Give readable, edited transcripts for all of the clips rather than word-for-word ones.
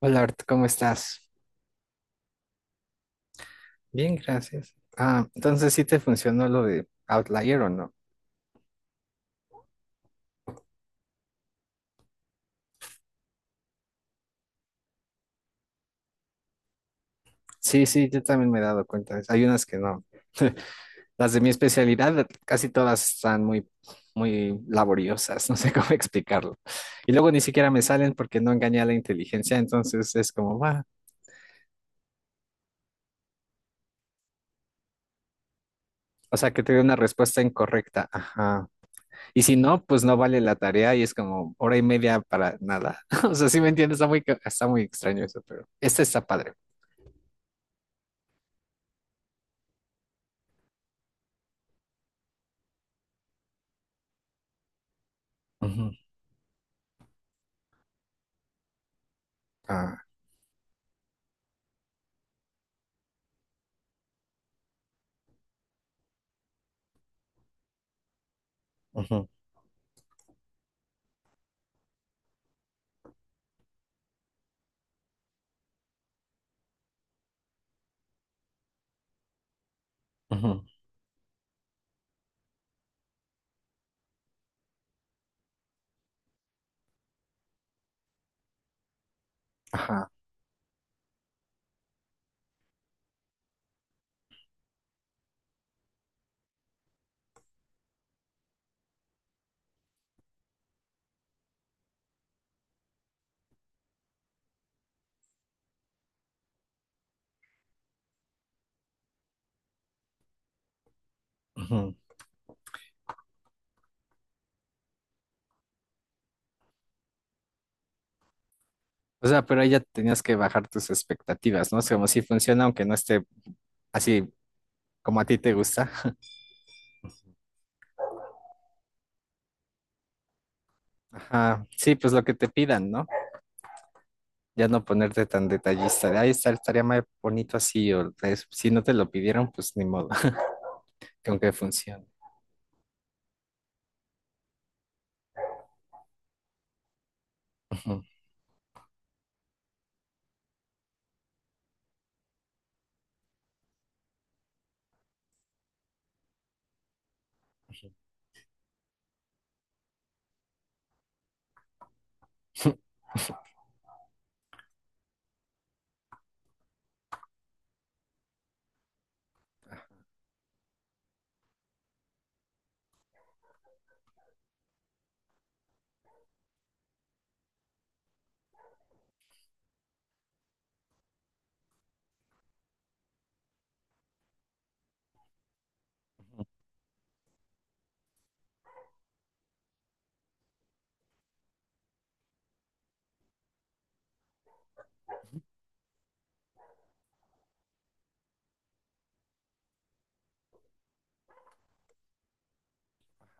Hola, Art, ¿cómo estás? Bien, gracias. Ah, entonces sí te funcionó lo de Outlier o no. Sí, sí, yo también me he dado cuenta de eso. Hay unas que no. Las de mi especialidad, casi todas están muy, muy laboriosas, no sé cómo explicarlo. Y luego ni siquiera me salen porque no engañé a la inteligencia, entonces es como, va. O sea, que te dio una respuesta incorrecta. Ajá. Y si no, pues no vale la tarea y es como hora y media para nada. O sea, sí me entiendes, está muy, está muy extraño eso, pero este está padre. Ujú, ah, ujú, ujú, ajá, ujú. O sea, pero ahí ya tenías que bajar tus expectativas, ¿no? Es como si funciona, aunque no esté así como a ti te gusta. Ajá, sí, pues lo que te pidan, ¿no? Ya no ponerte tan detallista. Ahí está, estaría más bonito así, o si no te lo pidieron, pues ni modo, que aunque funcione. Ujú,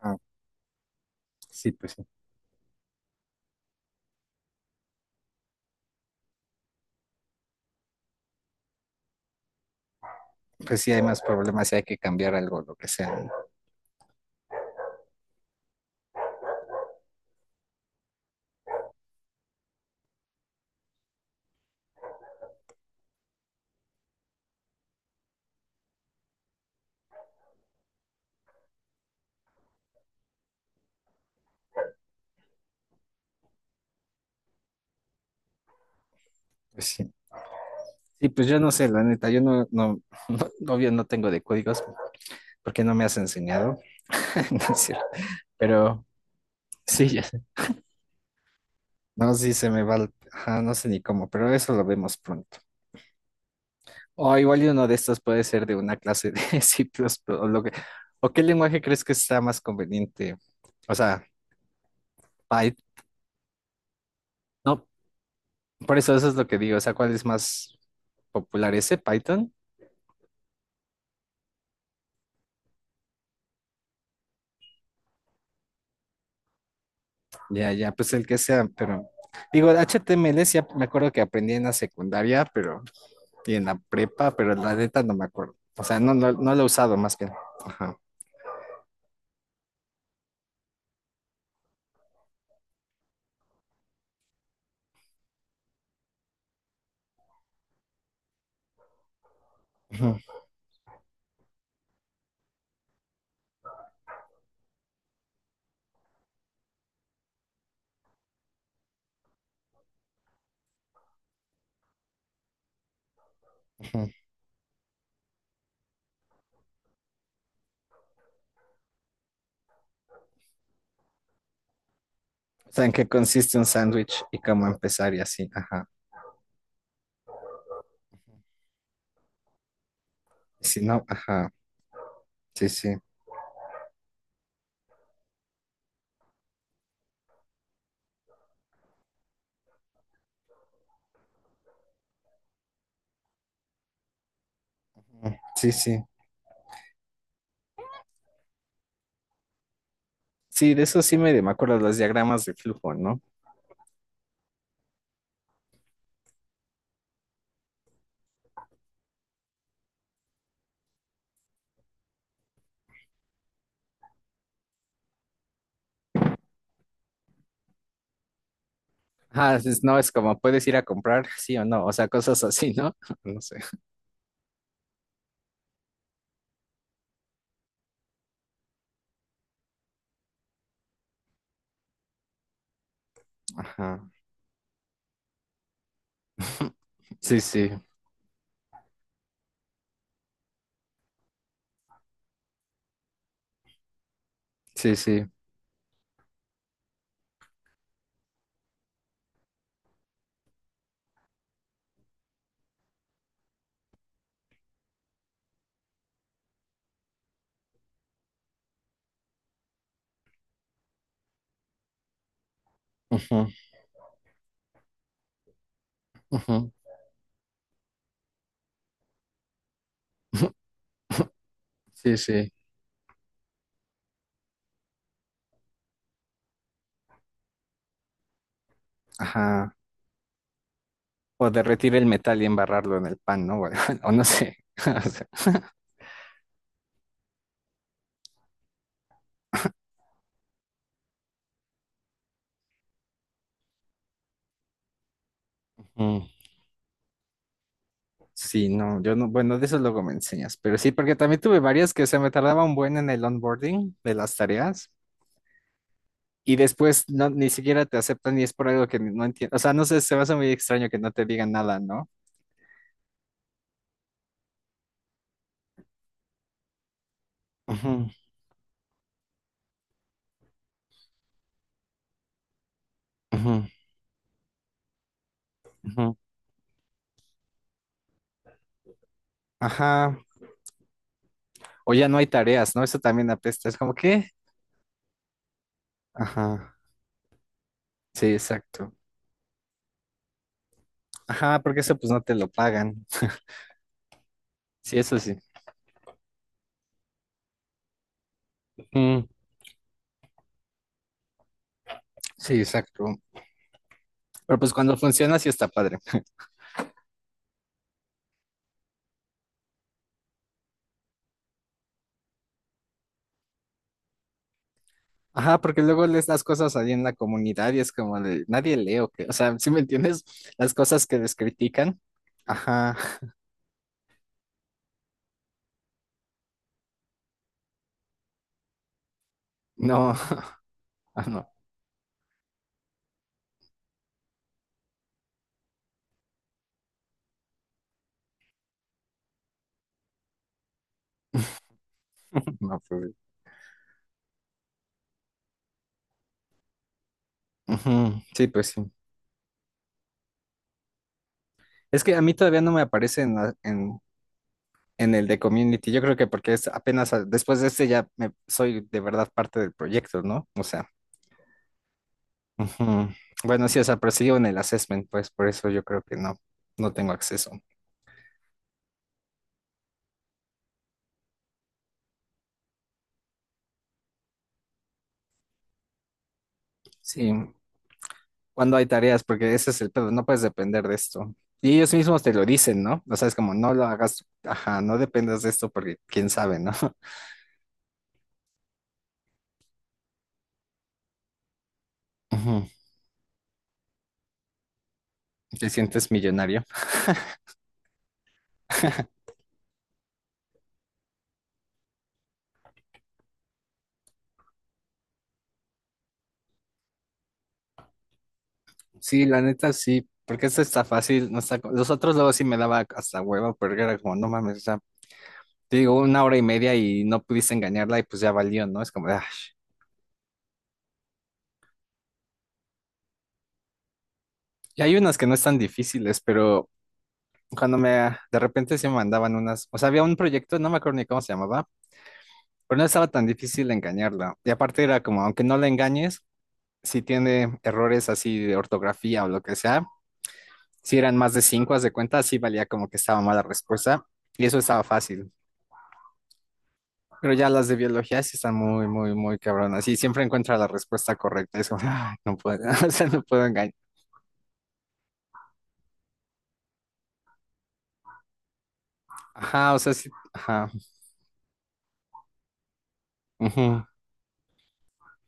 ajá, sí, pues sí. Pues sí, hay más problemas y hay que cambiar algo, lo que sea, ¿no? Pues sí. Sí, pues yo no sé, la neta, yo no, no, no, obvio no tengo de códigos porque no me has enseñado, no es cierto. Pero sí, ya sé. No, sí se me va, ajá, no sé ni cómo, pero eso lo vemos pronto. O igual y uno de estos puede ser de una clase de C++, o lo que, o qué lenguaje crees que está más conveniente, o sea, Python, no, por eso es lo que digo, o sea, ¿cuál es más popular ese, Python? Ya, ya, pues el que sea, pero digo, HTML sí, me acuerdo que aprendí en la secundaria, pero y en la prepa, pero la neta no me acuerdo. O sea, no, no, no lo he usado más que. Ajá. Ujú, ujú. O sea, en qué consiste un sándwich y cómo empezar y así. Ajá. Si no, ajá. Sí, sí. Ujú. Sí, sí. Sí, de eso sí medio me acuerdo los diagramas de flujo, ¿no? Ah, no, es como puedes ir a comprar, sí o no, o sea, cosas así, ¿no? No sé. Ajá. Sí, sí, sí, sí. Ujú, ujú. Sí, sí. Ajá. O derretir el metal y embarrarlo en el pan, ¿no? O no sé. Mm, sí, no, yo no, bueno, de eso luego me enseñas, pero sí, porque también tuve varias que se me tardaba un buen en el onboarding de las tareas y después no, ni siquiera te aceptan y es por algo que no entiendo, o sea, no sé, se me hace muy extraño que no te digan nada, ¿no? Ujú, ujú, ujú. Ajá, o ya no hay tareas, ¿no? Eso también apesta, es como qué. Ajá, sí, exacto. Ajá, porque eso pues no te lo pagan. Sí, eso sí. Mm, sí, exacto. Pero pues cuando funciona sí está padre. Ajá, porque luego lees las cosas ahí en la comunidad y es como de, nadie lee o qué, o sea, ¿si me entiendes? Las cosas que les critican. Ajá, no, ah, no, no, pues, ujú, sí, pues sí. Es que a mí todavía no me aparece en, en el de Community, yo creo que porque es apenas después de este ya me, soy de verdad parte del proyecto, ¿no? O sea, ujú. Bueno, sí, o sea, pero sigo en el assessment, pues por eso yo creo que no, no tengo acceso. Sí, cuando hay tareas, porque ese es el pedo, no puedes depender de esto. Y ellos mismos te lo dicen, ¿no? O sea, es como, no lo hagas, ajá, no dependas de esto porque quién sabe, ¿no? Ujú. Te sientes millonario. Sí, la neta, sí, porque esto está fácil, no está... Los otros luego sí me daba hasta hueva, porque era como, no mames, o sea, te digo, una hora y media y no pudiste engañarla y pues ya valió, ¿no? Es como, ah. Y hay unas que no están difíciles, pero de repente se me mandaban unas, o sea, había un proyecto, no me acuerdo ni cómo se llamaba, pero no estaba tan difícil engañarla. Y aparte era como, aunque no la engañes, si tiene errores así de ortografía o lo que sea, si eran más de 5, haz de cuenta, sí valía como que estaba mala respuesta. Y eso estaba fácil. Pero ya las de biología sí están muy, muy, muy cabronas. Y siempre encuentra la respuesta correcta. Es como, "Ah, no puedo, o sea, no puedo engañar". Ajá, o sea, sí, ajá. Ujú.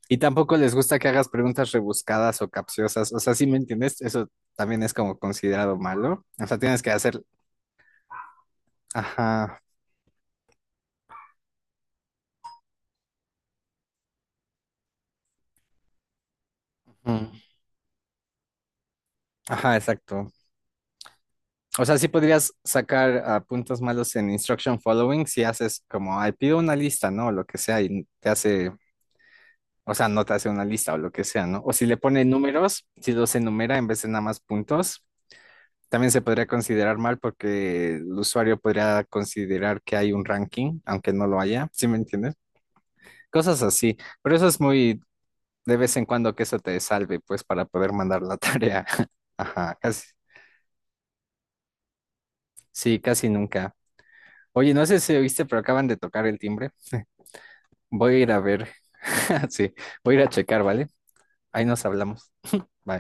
Y tampoco les gusta que hagas preguntas rebuscadas o capciosas. O sea, ¿si me entiendes? Eso también es como considerado malo. O sea, tienes que hacer, ajá. Ujú. Ajá, exacto. O sea, sí podrías sacar ah, puntos malos en instruction following si haces como, ay, pido una lista, ¿no? O lo que sea, y te hace, o sea, no te hace una lista o lo que sea, ¿no? O si le pone números, si los enumera en vez de nada más puntos, también se podría considerar mal porque el usuario podría considerar que hay un ranking, aunque no lo haya, ¿sí me entiendes? Cosas así. Pero eso es muy de vez en cuando que eso te salve, pues, para poder mandar la tarea. Ajá, casi, sí, casi nunca. Oye, no sé si oíste, pero acaban de tocar el timbre. Voy a ir a ver. Sí, voy a ir a checar, ¿vale? Ahí nos hablamos. Bye.